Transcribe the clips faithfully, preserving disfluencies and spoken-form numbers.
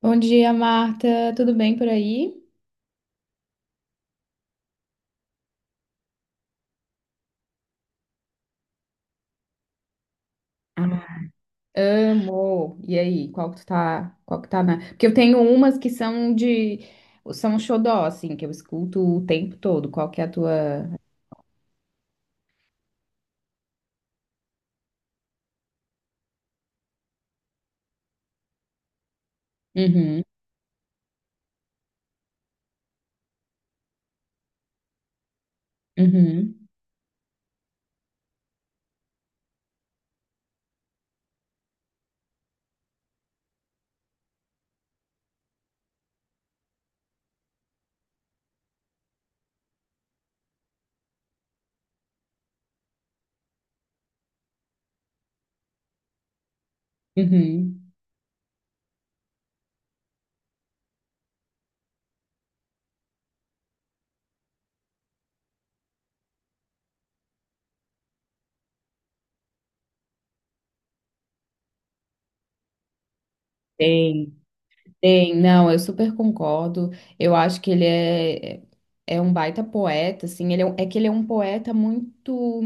Bom dia, Marta. Tudo bem por aí? Ah, amo. E aí, qual que tu tá, qual que tá na... Porque eu tenho umas que são de, são um xodó, assim, que eu escuto o tempo todo. Qual que é a tua... Uhum, uhum, uhum. Tem, tem. Não, eu super concordo. Eu acho que ele é, é é um baita poeta, assim. Ele é, um- é que ele é um poeta muito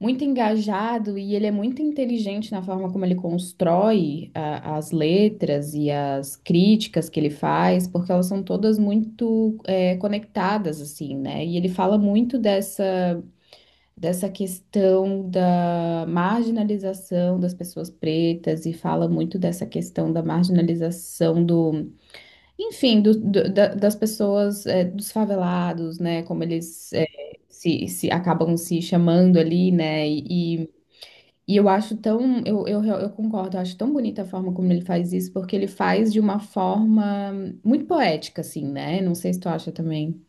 muito engajado e ele é muito inteligente na forma como ele constrói a- as letras e as críticas que ele faz, porque elas são todas muito é, conectadas, assim, né? E ele fala muito dessa, dessa questão da marginalização das pessoas pretas e fala muito dessa questão da marginalização do, enfim, do, do- da- das pessoas, é, dos favelados, né? Como eles é, se, se acabam se chamando ali, né? E, e eu acho tão, eu, eu, eu concordo, eu acho tão bonita a forma como ele faz isso, porque ele faz de uma forma muito poética, assim, né? Não sei se tu acha também.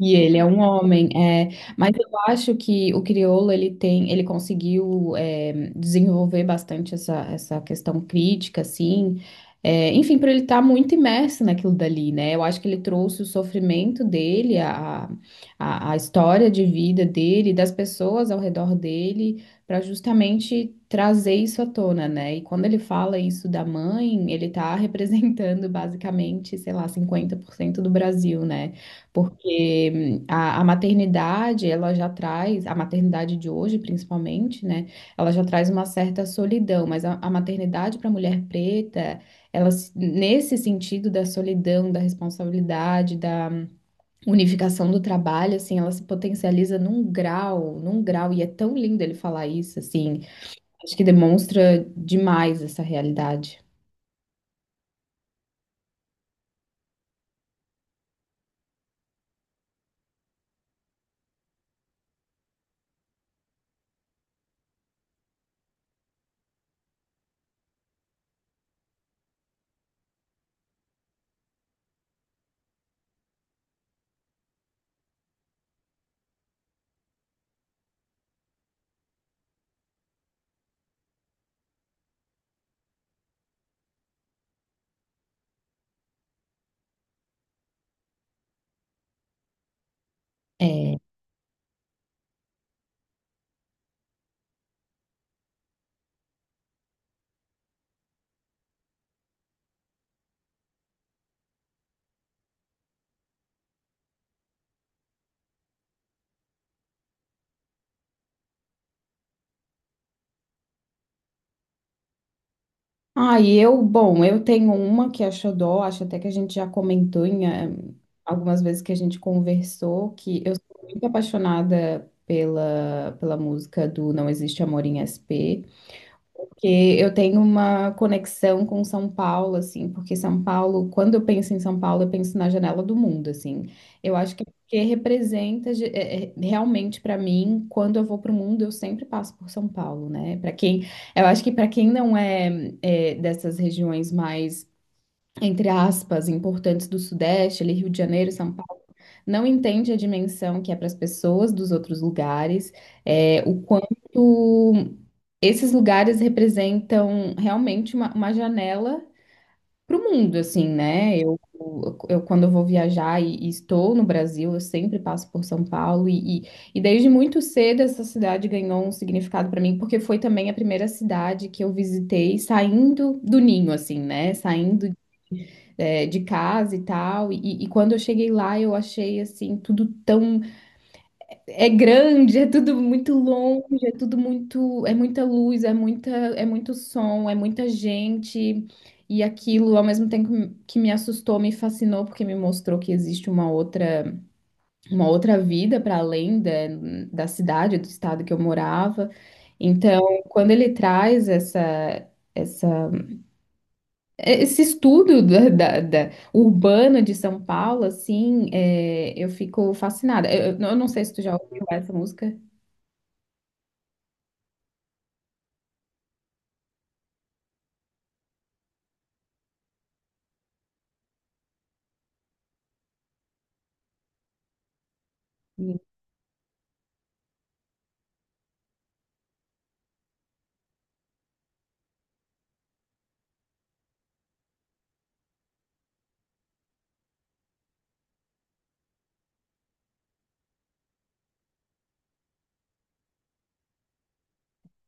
E ele é um homem, é, mas eu acho que o crioulo ele tem, ele conseguiu é, desenvolver bastante essa, essa questão crítica, assim, é, enfim, para ele estar muito imerso naquilo dali, né? Eu acho que ele trouxe o sofrimento dele, a, a, a história de vida dele, das pessoas ao redor dele, para justamente trazer isso à tona, né? E quando ele fala isso da mãe, ele tá representando basicamente, sei lá, cinquenta por cento do Brasil, né? Porque hum, a, a maternidade, ela já traz, a maternidade de hoje, principalmente, né? Ela já traz uma certa solidão, mas a, a maternidade para a mulher preta, ela, se- nesse sentido da solidão, da responsabilidade, da unificação do trabalho, assim, ela se potencializa num grau, num grau, e é tão lindo ele falar isso, assim, acho que demonstra demais essa realidade. É. Ah, e eu, bom, eu tenho uma que é xodó, acho até que a gente já comentou em eh, algumas vezes que a gente conversou, que eu sou muito apaixonada pela, pela música do Não Existe Amor em S P. Porque eu tenho uma conexão com São Paulo, assim, porque São Paulo, quando eu penso em São Paulo, eu penso na janela do mundo, assim. Eu acho que é porque representa ge- é, é, realmente para mim, quando eu vou para o mundo, eu sempre passo por São Paulo, né? Para quem, eu acho que para quem não é, é, dessas regiões mais entre aspas, importantes do Sudeste, ali Rio de Janeiro, São Paulo, não entende a dimensão que é para as pessoas dos outros lugares, é, o quanto esses lugares representam realmente uma, uma janela para o mundo, assim, né? Eu, eu, quando eu vou viajar e, e estou no Brasil, eu sempre passo por São Paulo e, e, e desde muito cedo essa cidade ganhou um significado para mim, porque foi também a primeira cidade que eu visitei saindo do ninho, assim, né? Saindo é, de casa e tal. E, e quando eu cheguei lá, eu achei assim, tudo tão. É grande, é tudo muito longe, é tudo muito. É muita luz, é muita, é muito som, é muita gente. E aquilo, ao mesmo tempo que me assustou, me fascinou, porque me mostrou que existe uma outra, uma outra vida para além da, da cidade, do estado que eu morava. Então, quando ele traz essa, essa é, esse estudo da, da- da- urbano de São Paulo, assim, é, eu fico fascinada. Eu, eu não sei se tu já ouviu essa música.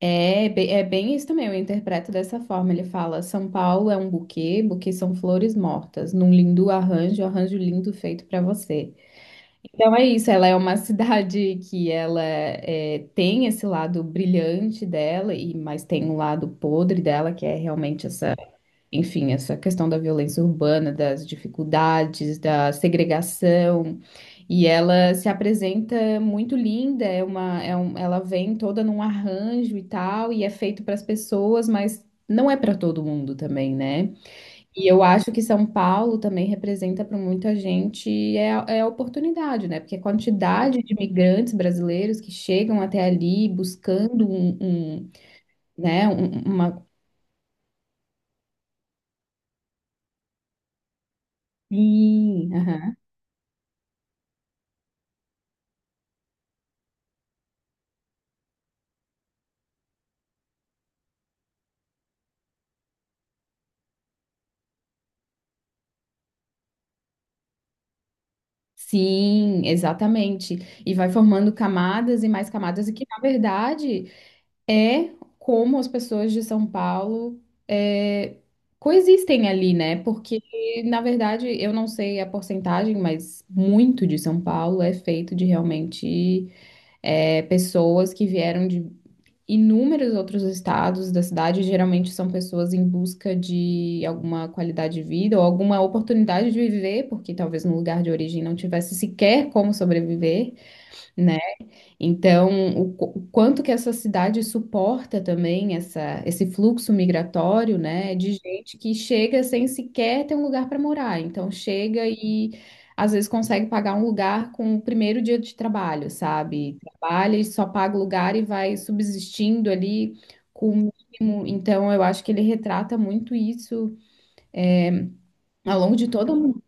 É, bem- é bem isso também, eu interpreto dessa forma. Ele fala: São Paulo é um buquê, buquê são flores mortas, num lindo arranjo, arranjo lindo feito para você. Então é isso, ela é uma cidade que ela é, tem esse lado brilhante dela, e mas tem um lado podre dela, que é realmente essa. Enfim, essa questão da violência urbana, das dificuldades, da segregação, e ela se apresenta muito linda, é uma, é um, ela vem toda num arranjo e tal, e é feito para as pessoas, mas não é para todo mundo também, né? E eu acho que São Paulo também representa para muita gente é, a- é a oportunidade, né? Porque a quantidade de imigrantes brasileiros que chegam até ali buscando um, um, né, um- uma. Sim, aham. Sim, exatamente. E vai formando camadas e mais camadas, e que, na verdade, é como as pessoas de São Paulo é, coexistem ali, né? Porque, na verdade, eu não sei a porcentagem, mas muito de São Paulo é feito de realmente é, pessoas que vieram de inúmeros outros estados da cidade, geralmente são pessoas em busca de alguma qualidade de vida ou alguma oportunidade de viver, porque talvez no lugar de origem não tivesse sequer como sobreviver, né? Então, o, qu- o quanto que essa cidade suporta também essa, esse fluxo migratório, né, de gente que chega sem sequer ter um lugar para morar. Então, chega e às vezes consegue pagar um lugar com o primeiro dia de trabalho, sabe? Trabalha e só paga o lugar e vai subsistindo ali com o mínimo. Então, eu acho que ele retrata muito isso ao longo de todo mundo.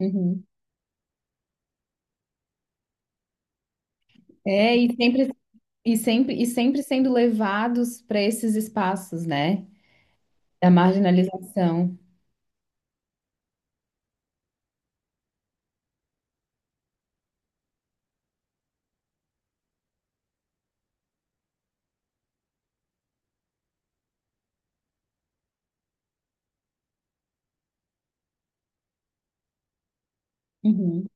Uhum. É, e sempre, e sempre, e sempre sendo levados para esses espaços, né? Da marginalização. Uhum.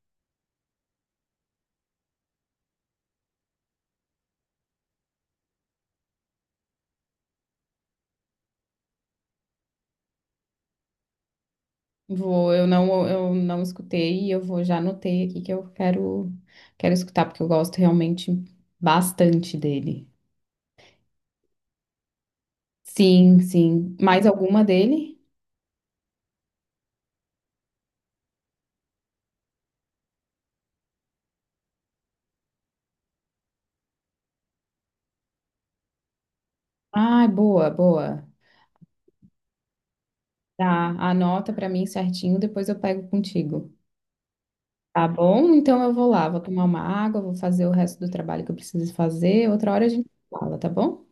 Vou, eu não, eu não escutei e eu vou já anotei aqui que eu quero, quero escutar, porque eu gosto realmente bastante dele. Sim, sim. Mais alguma dele? Ai, boa, boa. Tá, anota pra mim certinho, depois eu pego contigo. Tá bom? Então eu vou lá, vou tomar uma água, vou fazer o resto do trabalho que eu preciso fazer. Outra hora a gente fala, tá bom?